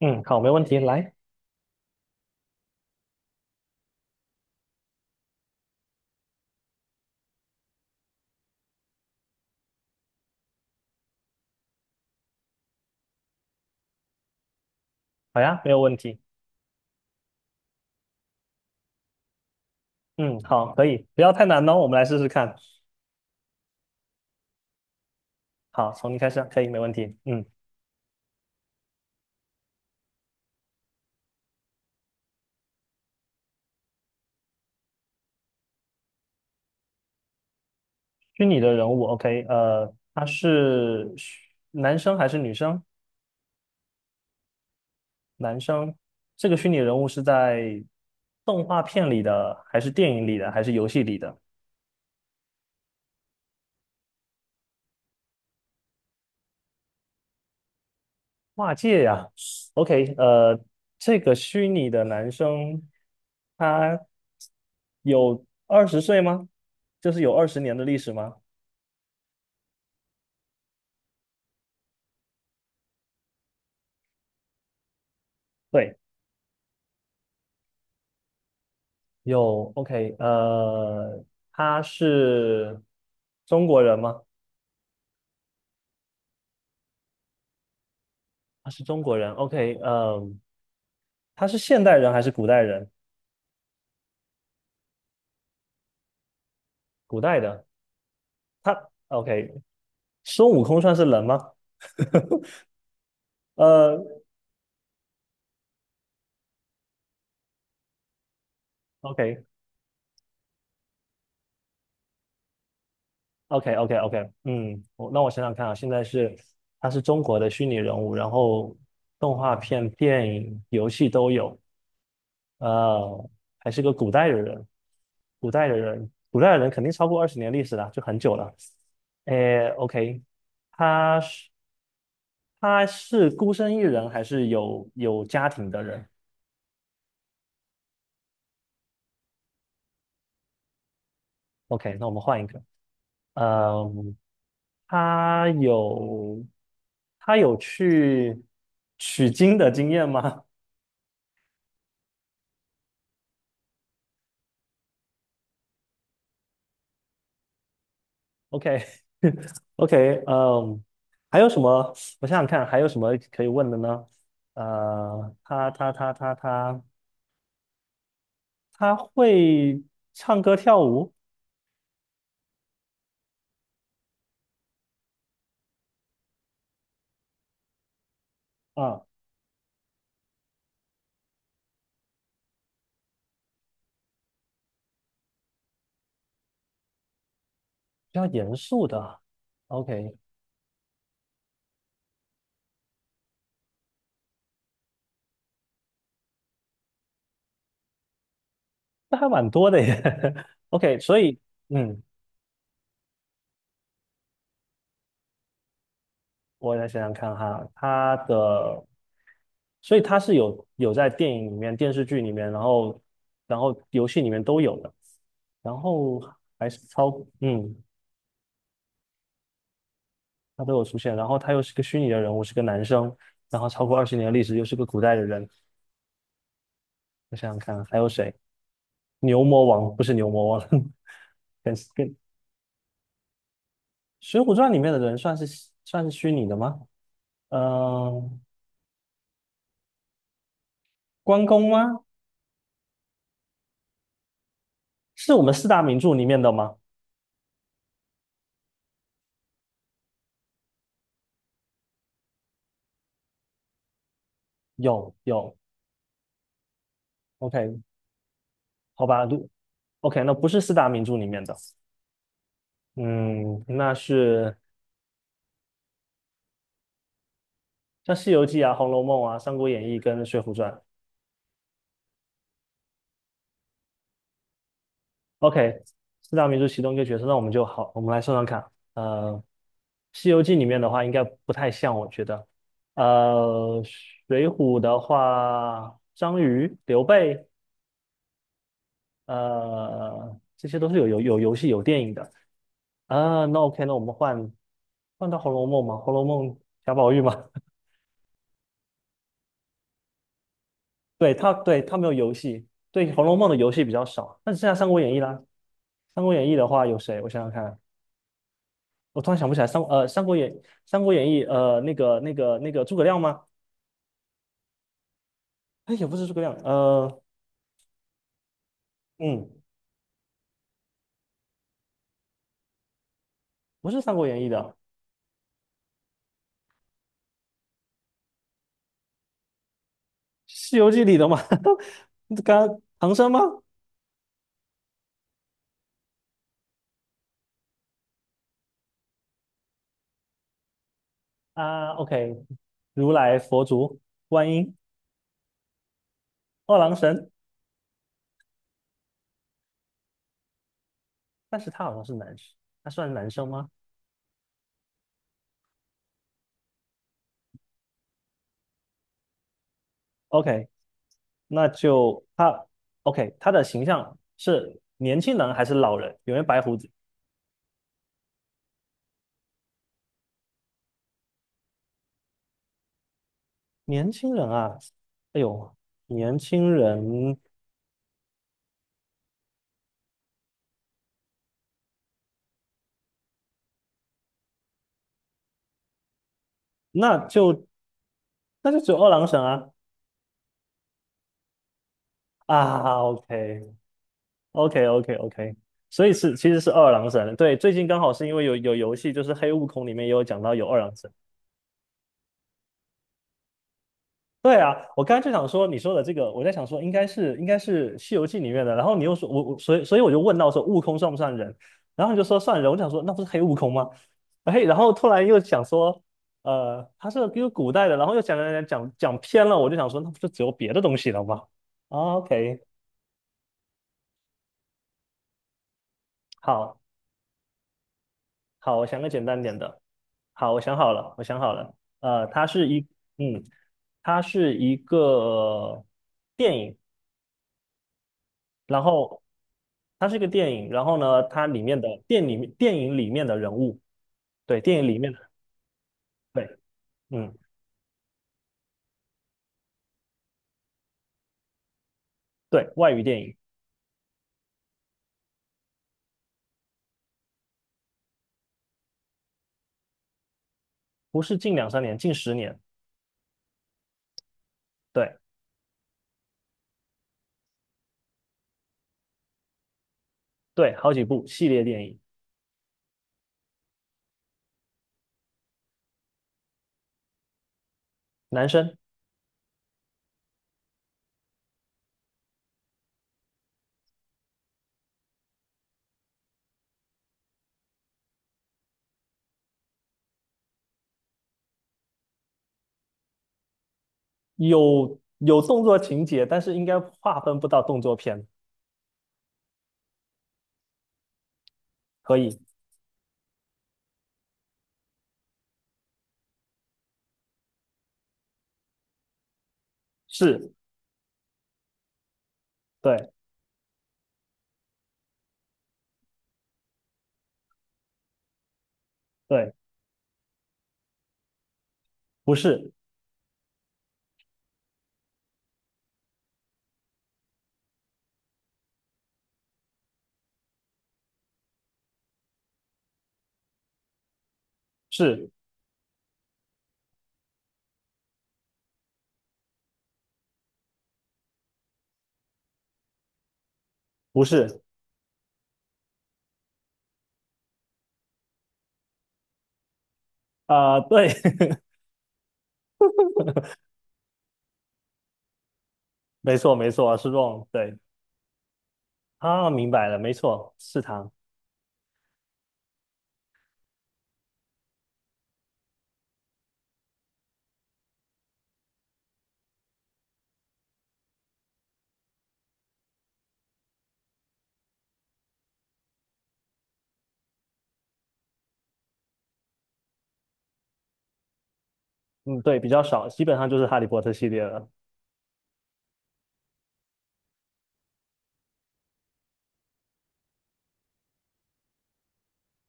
嗯，好，没问题，来，好呀，没有问题。嗯，好，可以，不要太难哦，我们来试试看。好，从你开始啊，可以，没问题。嗯，虚拟的人物，OK，他是虚男生还是女生？男生。这个虚拟人物是在动画片里的，还是电影里的，还是游戏里的？跨界呀，OK，这个虚拟的男生，他有20岁吗？就是有二十年的历史吗？对。有，OK，他是中国人吗？他是中国人，OK，他是现代人还是古代人？古代的，OK，孙悟空算是人吗？呃，OK，OK，OK，OK，嗯，那我想想看啊，现在是他是中国的虚拟人物，然后动画片、电影、游戏都有，呃，还是个古代的人，肯定超过二十年历史了，就很久了。诶，OK，他是他是孤身一人还是有家庭的人？OK，那我们换一个。嗯，他有他有去取经的经验吗？OK OK，嗯，还有什么？我想想看，还有什么可以问的呢？呃，他他他他他。他会唱歌跳舞啊，比较严肃的。OK，那还蛮多的耶。OK，所以嗯，我来想想看哈，所以他是有在电影里面、电视剧里面，然后游戏里面都有的，然后还是超嗯，他都有出现。然后他又是个虚拟的人物，是个男生，然后超过二十年的历史，又是个古代的人。我想想看还有谁？牛魔王不是牛魔王。跟《水浒传》里面的人算是虚拟的吗？嗯、关公吗？是我们四大名著里面的吗？有，OK，好吧，OK，那不是四大名著里面的，嗯，那是像《西游记》啊、《红楼梦》啊、《三国演义》跟《水浒传》。OK，四大名著其中一个角色，那我们就好，我们来算算看。呃，《西游记》里面的话应该不太像，我觉得。呃，《水浒》的话，张瑜、刘备。这些都是有游戏有电影的啊。那 OK，那我们换到《红楼梦》嘛，《红楼梦》贾宝玉嘛，对他没有游戏，对《红楼梦》的游戏比较少，那只剩下《三国演义》啦。《三国演义》的话有谁？我想想看，我突然想不起来三国演义》那个诸葛亮吗？哎，也不是诸葛亮，嗯，不是《三国演义》的，《西游记》里的嘛，唐僧吗？啊，OK，如来佛祖观音。二郎神，但是他好像是男生，他算男生吗？OK，那就他，OK，他的形象是年轻人还是老人？有没有白胡子？年轻人啊，哎呦，年轻人，那就那就只有二郎神啊啊，OK，OK，OK，OK，所以是其实是二郎神，对，最近刚好是因为有游戏，就是黑悟空里面也有讲到有二郎神。对啊，我刚才就想说你说的这个，我在想说应该是《西游记》里面的，然后你又说我所以我就问到说悟空算不算人，然后你就说算人，我就想说那不是黑悟空吗？哎，然后突然又想说，他是一个古代的，然后又讲偏了，我就想说那不就只有别的东西了吗？o k 好好，我想个简单点的，好，我想好了，我想好了，呃，它是一嗯，它是一个电影，然后它是一个电影，然后呢，它里面的电影里面的人物，对，电影里面的，对，嗯，对，外语电影，不是近两三年，近十年，对对，好几部系列电影，男生有动作情节，但是应该划分不到动作片，可以是，对对，不是是不是啊、对，没错没错，是 wrong，对，啊，明白了，没错，是他。嗯，对，比较少，基本上就是《哈利波特》系列了。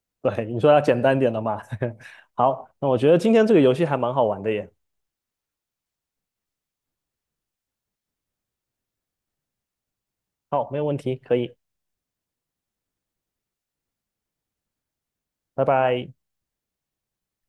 对，你说要简单点的嘛。好，那我觉得今天这个游戏还蛮好玩的耶。好，没有问题，可以，拜拜。